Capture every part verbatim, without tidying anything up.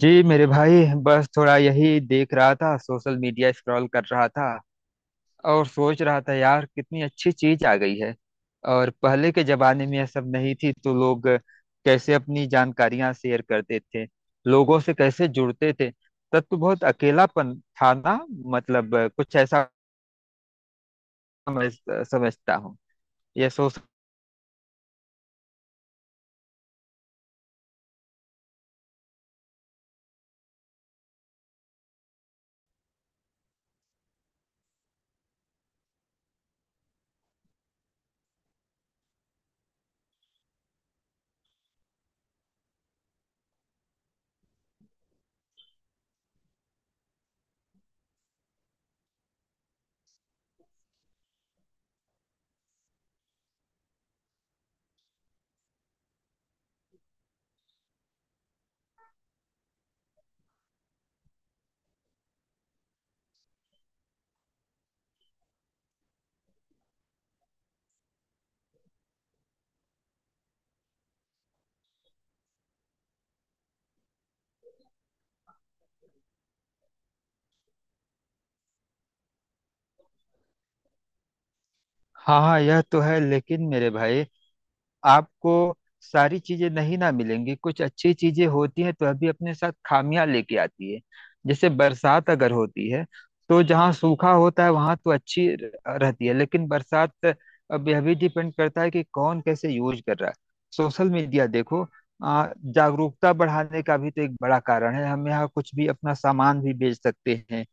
जी मेरे भाई। बस थोड़ा यही देख रहा था, सोशल मीडिया स्क्रॉल कर रहा था। और सोच रहा था यार कितनी अच्छी चीज आ गई है। और पहले के जमाने में यह सब नहीं थी तो लोग कैसे अपनी जानकारियां शेयर करते थे, लोगों से कैसे जुड़ते थे। तब तो बहुत अकेलापन था ना। मतलब कुछ ऐसा। समझ समझता हूँ, यह सोच। हाँ, हाँ, यह तो है लेकिन मेरे भाई, आपको सारी चीजें नहीं ना मिलेंगी। कुछ अच्छी चीजें होती हैं तो अभी अपने साथ खामियां लेके आती है। जैसे बरसात अगर होती है तो जहाँ सूखा होता है वहां तो अच्छी र- रहती है, लेकिन बरसात। अब यह भी डिपेंड करता है कि कौन कैसे यूज कर रहा है। सोशल मीडिया देखो, आ, जागरूकता बढ़ाने का भी तो एक बड़ा कारण है। हम यहाँ कुछ भी अपना सामान भी बेच सकते हैं।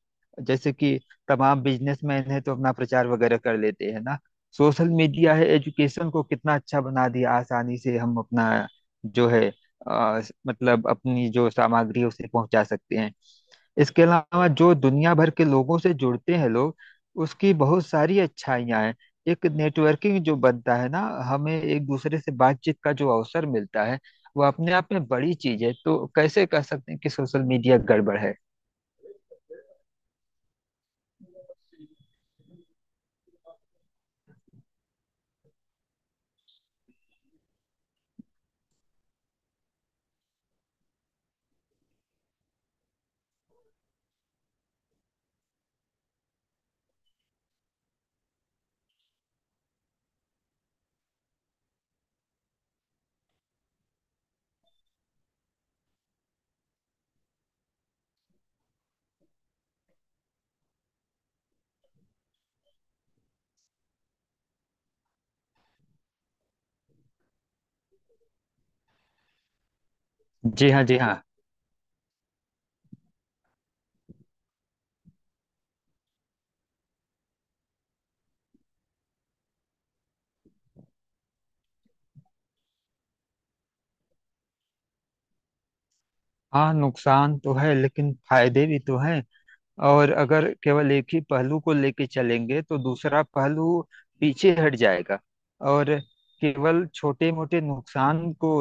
जैसे कि तमाम बिजनेसमैन है तो अपना प्रचार वगैरह कर लेते हैं ना। सोशल मीडिया है, एजुकेशन को कितना अच्छा बना दिया। आसानी से हम अपना जो है अ, मतलब अपनी जो सामग्री है उसे पहुंचा सकते हैं। इसके अलावा जो दुनिया भर के लोगों से जुड़ते हैं लोग, उसकी बहुत सारी अच्छाइयाँ हैं। एक नेटवर्किंग जो बनता है ना, हमें एक दूसरे से बातचीत का जो अवसर मिलता है, वो अपने आप में बड़ी चीज है। तो कैसे कह सकते हैं कि सोशल मीडिया गड़बड़ है। जी हाँ, जी हाँ। हाँ, नुकसान तो है लेकिन फायदे भी तो हैं। और अगर केवल एक ही पहलू को लेके चलेंगे तो दूसरा पहलू पीछे हट जाएगा। और केवल छोटे मोटे नुकसान को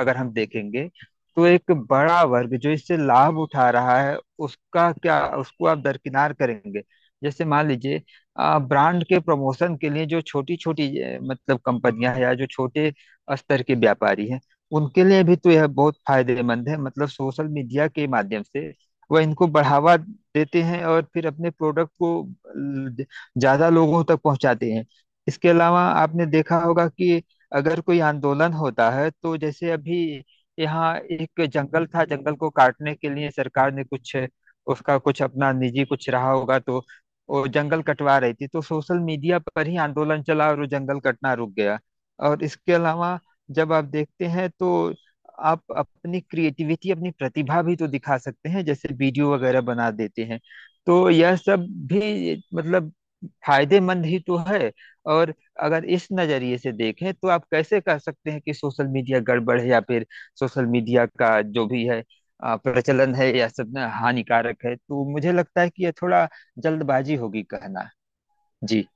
अगर हम देखेंगे तो एक बड़ा वर्ग जो इससे लाभ उठा रहा है, उसका क्या, उसको आप दरकिनार करेंगे। जैसे मान लीजिए, ब्रांड के प्रमोशन के लिए जो छोटी छोटी मतलब कंपनियां हैं या जो छोटे स्तर के व्यापारी हैं, उनके लिए भी तो यह बहुत फायदेमंद है। मतलब सोशल मीडिया के माध्यम से वह इनको बढ़ावा देते हैं और फिर अपने प्रोडक्ट को ल- ज्यादा लोगों तक पहुंचाते हैं। इसके अलावा आपने देखा होगा कि अगर कोई आंदोलन होता है तो जैसे अभी यहाँ एक जंगल था, जंगल को काटने के लिए सरकार ने कुछ, उसका कुछ अपना निजी कुछ रहा होगा तो वो जंगल कटवा रही थी, तो सोशल मीडिया पर ही आंदोलन चला और वो जंगल कटना रुक गया। और इसके अलावा जब आप देखते हैं तो आप अपनी क्रिएटिविटी, अपनी प्रतिभा भी तो दिखा सकते हैं। जैसे वीडियो वगैरह बना देते हैं। तो यह सब भी मतलब फायदेमंद ही तो है। और अगर इस नजरिए से देखें तो आप कैसे कह सकते हैं कि सोशल मीडिया गड़बड़ है, या फिर सोशल मीडिया का जो भी है अ, प्रचलन है या सब ना हानिकारक है। तो मुझे लगता है कि यह थोड़ा जल्दबाजी होगी कहना। जी।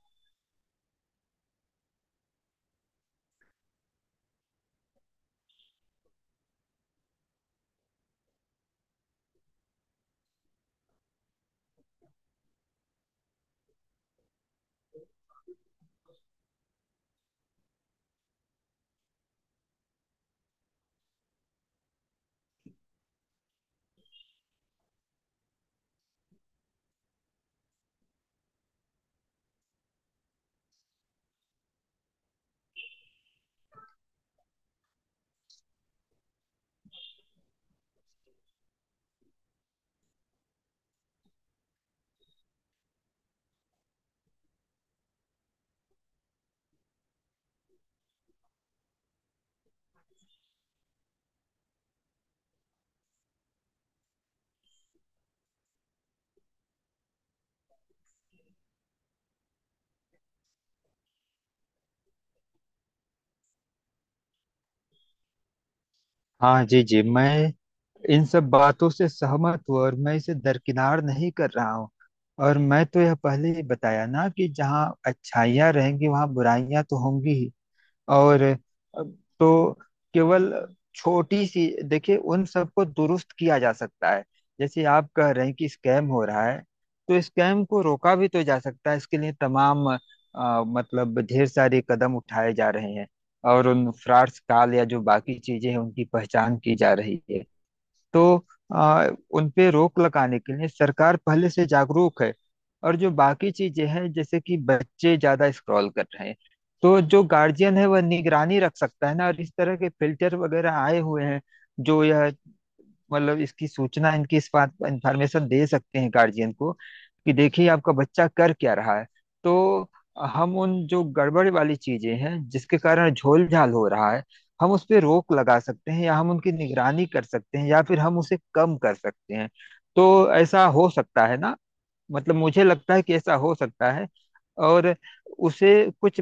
हाँ, जी, जी, मैं इन सब बातों से सहमत हूँ और मैं इसे दरकिनार नहीं कर रहा हूँ। और मैं तो यह पहले ही बताया ना कि जहाँ अच्छाइयाँ रहेंगी वहाँ बुराइयाँ तो होंगी ही। और अ, तो केवल छोटी सी, देखिए उन सबको दुरुस्त किया जा सकता है। जैसे आप कह रहे हैं कि स्कैम हो रहा है, तो स्कैम को रोका भी तो जा सकता है। इसके लिए तमाम अ, मतलब ढेर सारे कदम उठाए जा रहे हैं। और उन फ्रॉड्स काल या जो बाकी चीजें हैं उनकी पहचान की जा रही है। तो आ, उन पे रोक लगाने के लिए सरकार पहले से जागरूक है। और जो बाकी चीजें हैं जैसे कि बच्चे ज्यादा स्क्रॉल कर रहे हैं, तो जो गार्जियन है वह निगरानी रख सकता है ना। और इस तरह के फिल्टर वगैरह आए हुए हैं जो यह मतलब इसकी सूचना, इनकी इस बात, इंफॉर्मेशन दे सकते हैं गार्जियन को कि देखिए आपका बच्चा कर क्या रहा है। तो हम उन जो गड़बड़ वाली चीजें हैं जिसके कारण झोल झाल हो रहा है, हम उस पे रोक लगा सकते हैं या हम उनकी निगरानी कर सकते हैं या फिर हम उसे कम कर सकते हैं। तो ऐसा हो सकता है ना। मतलब मुझे लगता है कि ऐसा हो सकता है। और उसे कुछ,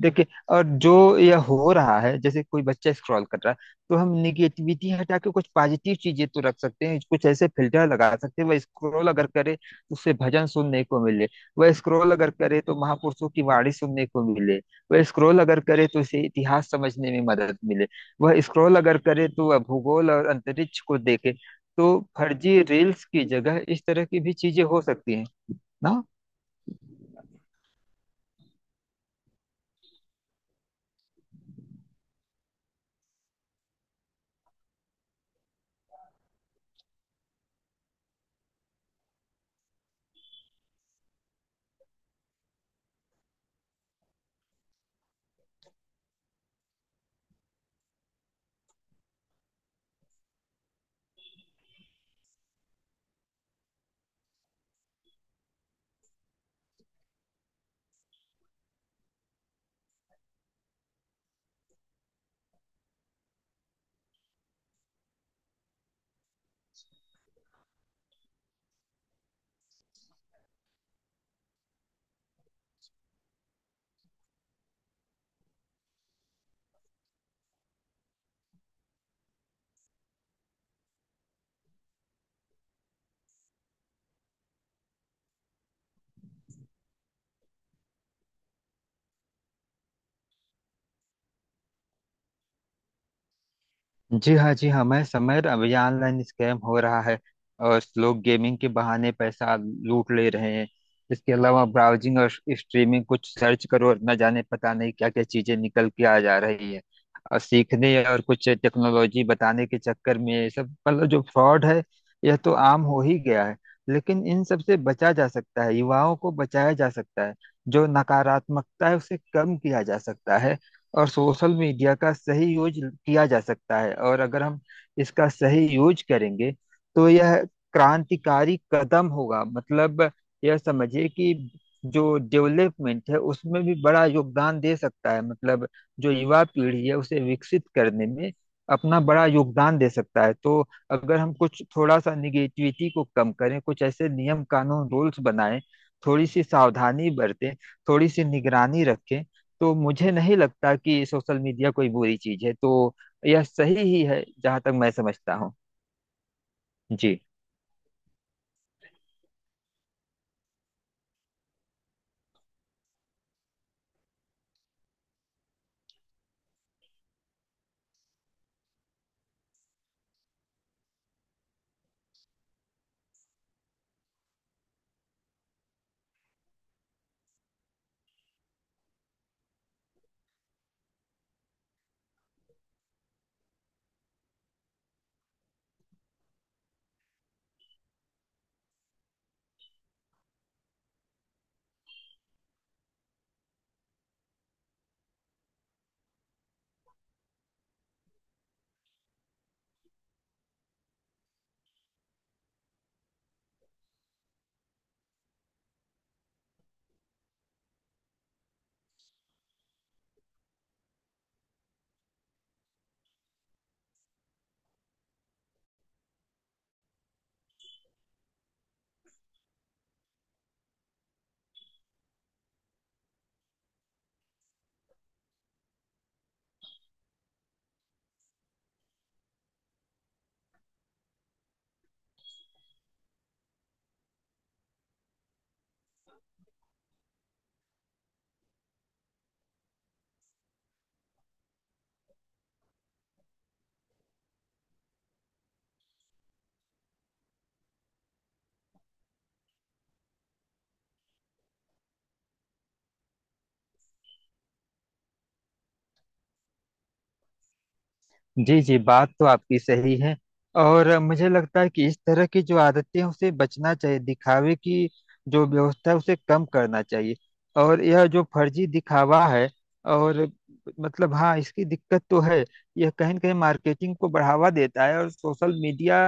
देखिए, और जो यह हो रहा है जैसे कोई बच्चा स्क्रॉल कर रहा है, तो हम निगेटिविटी हटा के कुछ पॉजिटिव चीजें तो रख सकते हैं। कुछ ऐसे फिल्टर लगा सकते हैं, वह स्क्रॉल अगर करे तो उसे भजन सुनने को मिले। वह स्क्रॉल अगर करे तो महापुरुषों की वाणी सुनने को मिले। वह स्क्रॉल अगर करे तो उसे इतिहास समझने में मदद मिले। वह स्क्रॉल अगर करे तो वह भूगोल और अंतरिक्ष को देखे। तो फर्जी रील्स की जगह इस तरह की भी चीजें हो सकती हैं ना। जी हाँ, जी हाँ, मैं समझ रहा हूँ ये ऑनलाइन स्कैम हो रहा है और लोग गेमिंग के बहाने पैसा लूट ले रहे हैं। इसके अलावा ब्राउजिंग और स्ट्रीमिंग, कुछ सर्च करो और न जाने पता नहीं क्या क्या चीजें निकल के आ जा रही है। और सीखने और कुछ टेक्नोलॉजी बताने के चक्कर में ये सब मतलब जो फ्रॉड है, यह तो आम हो ही गया है। लेकिन इन सब से बचा जा सकता है, युवाओं को बचाया जा सकता है, जो नकारात्मकता है उसे कम किया जा सकता है और सोशल मीडिया का सही यूज किया जा सकता है। और अगर हम इसका सही यूज करेंगे तो यह क्रांतिकारी कदम होगा। मतलब यह समझिए कि जो डेवलपमेंट है उसमें भी बड़ा योगदान दे सकता है। मतलब जो युवा पीढ़ी है उसे विकसित करने में अपना बड़ा योगदान दे सकता है। तो अगर हम कुछ थोड़ा सा निगेटिविटी को कम करें, कुछ ऐसे नियम कानून रूल्स बनाएं, थोड़ी सी सावधानी बरतें, थोड़ी सी निगरानी रखें, तो मुझे नहीं लगता कि सोशल मीडिया कोई बुरी चीज है। तो यह सही ही है जहां तक मैं समझता हूँ। जी, जी, जी, बात तो आपकी सही है। और अ, मुझे लगता है कि इस तरह की जो आदतें हैं उसे बचना चाहिए, दिखावे की जो व्यवस्था है उसे कम करना चाहिए। और यह जो फर्जी दिखावा है, और मतलब हाँ, इसकी दिक्कत तो है। यह कहीं न कहीं मार्केटिंग को बढ़ावा देता है और सोशल मीडिया।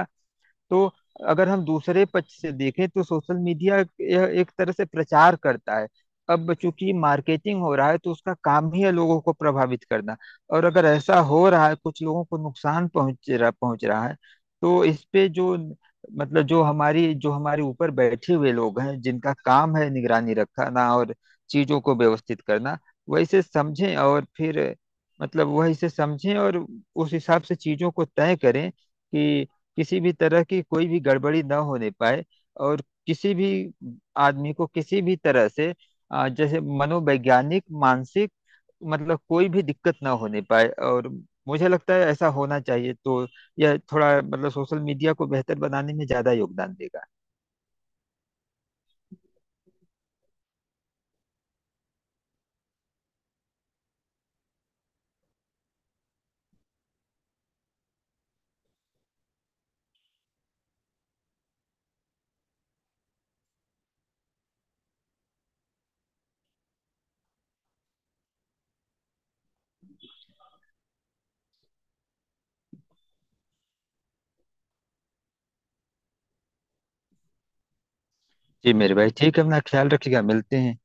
तो अगर हम दूसरे पक्ष से देखें तो सोशल मीडिया यह एक तरह से प्रचार करता है। अब चूंकि मार्केटिंग हो रहा है तो उसका काम ही है लोगों को प्रभावित करना। और अगर ऐसा हो रहा है, कुछ लोगों को नुकसान पहुंच रहा पहुंच रहा है। तो इस पे जो मतलब जो हमारी, जो हमारे ऊपर बैठे हुए लोग हैं जिनका काम है निगरानी रखना और चीजों को व्यवस्थित करना, वैसे समझें और फिर मतलब वही से समझें और उस हिसाब से चीजों को तय करें कि किसी भी तरह की कोई भी गड़बड़ी ना होने पाए। और किसी भी आदमी को किसी भी तरह से अ, जैसे मनोवैज्ञानिक, मानसिक, मतलब कोई भी दिक्कत ना होने पाए। और मुझे लगता है ऐसा होना चाहिए। तो यह थोड़ा मतलब सोशल मीडिया को बेहतर बनाने में ज्यादा योगदान देगा। जी मेरे भाई ठीक है, अपना ख्याल रखिएगा। मिलते हैं।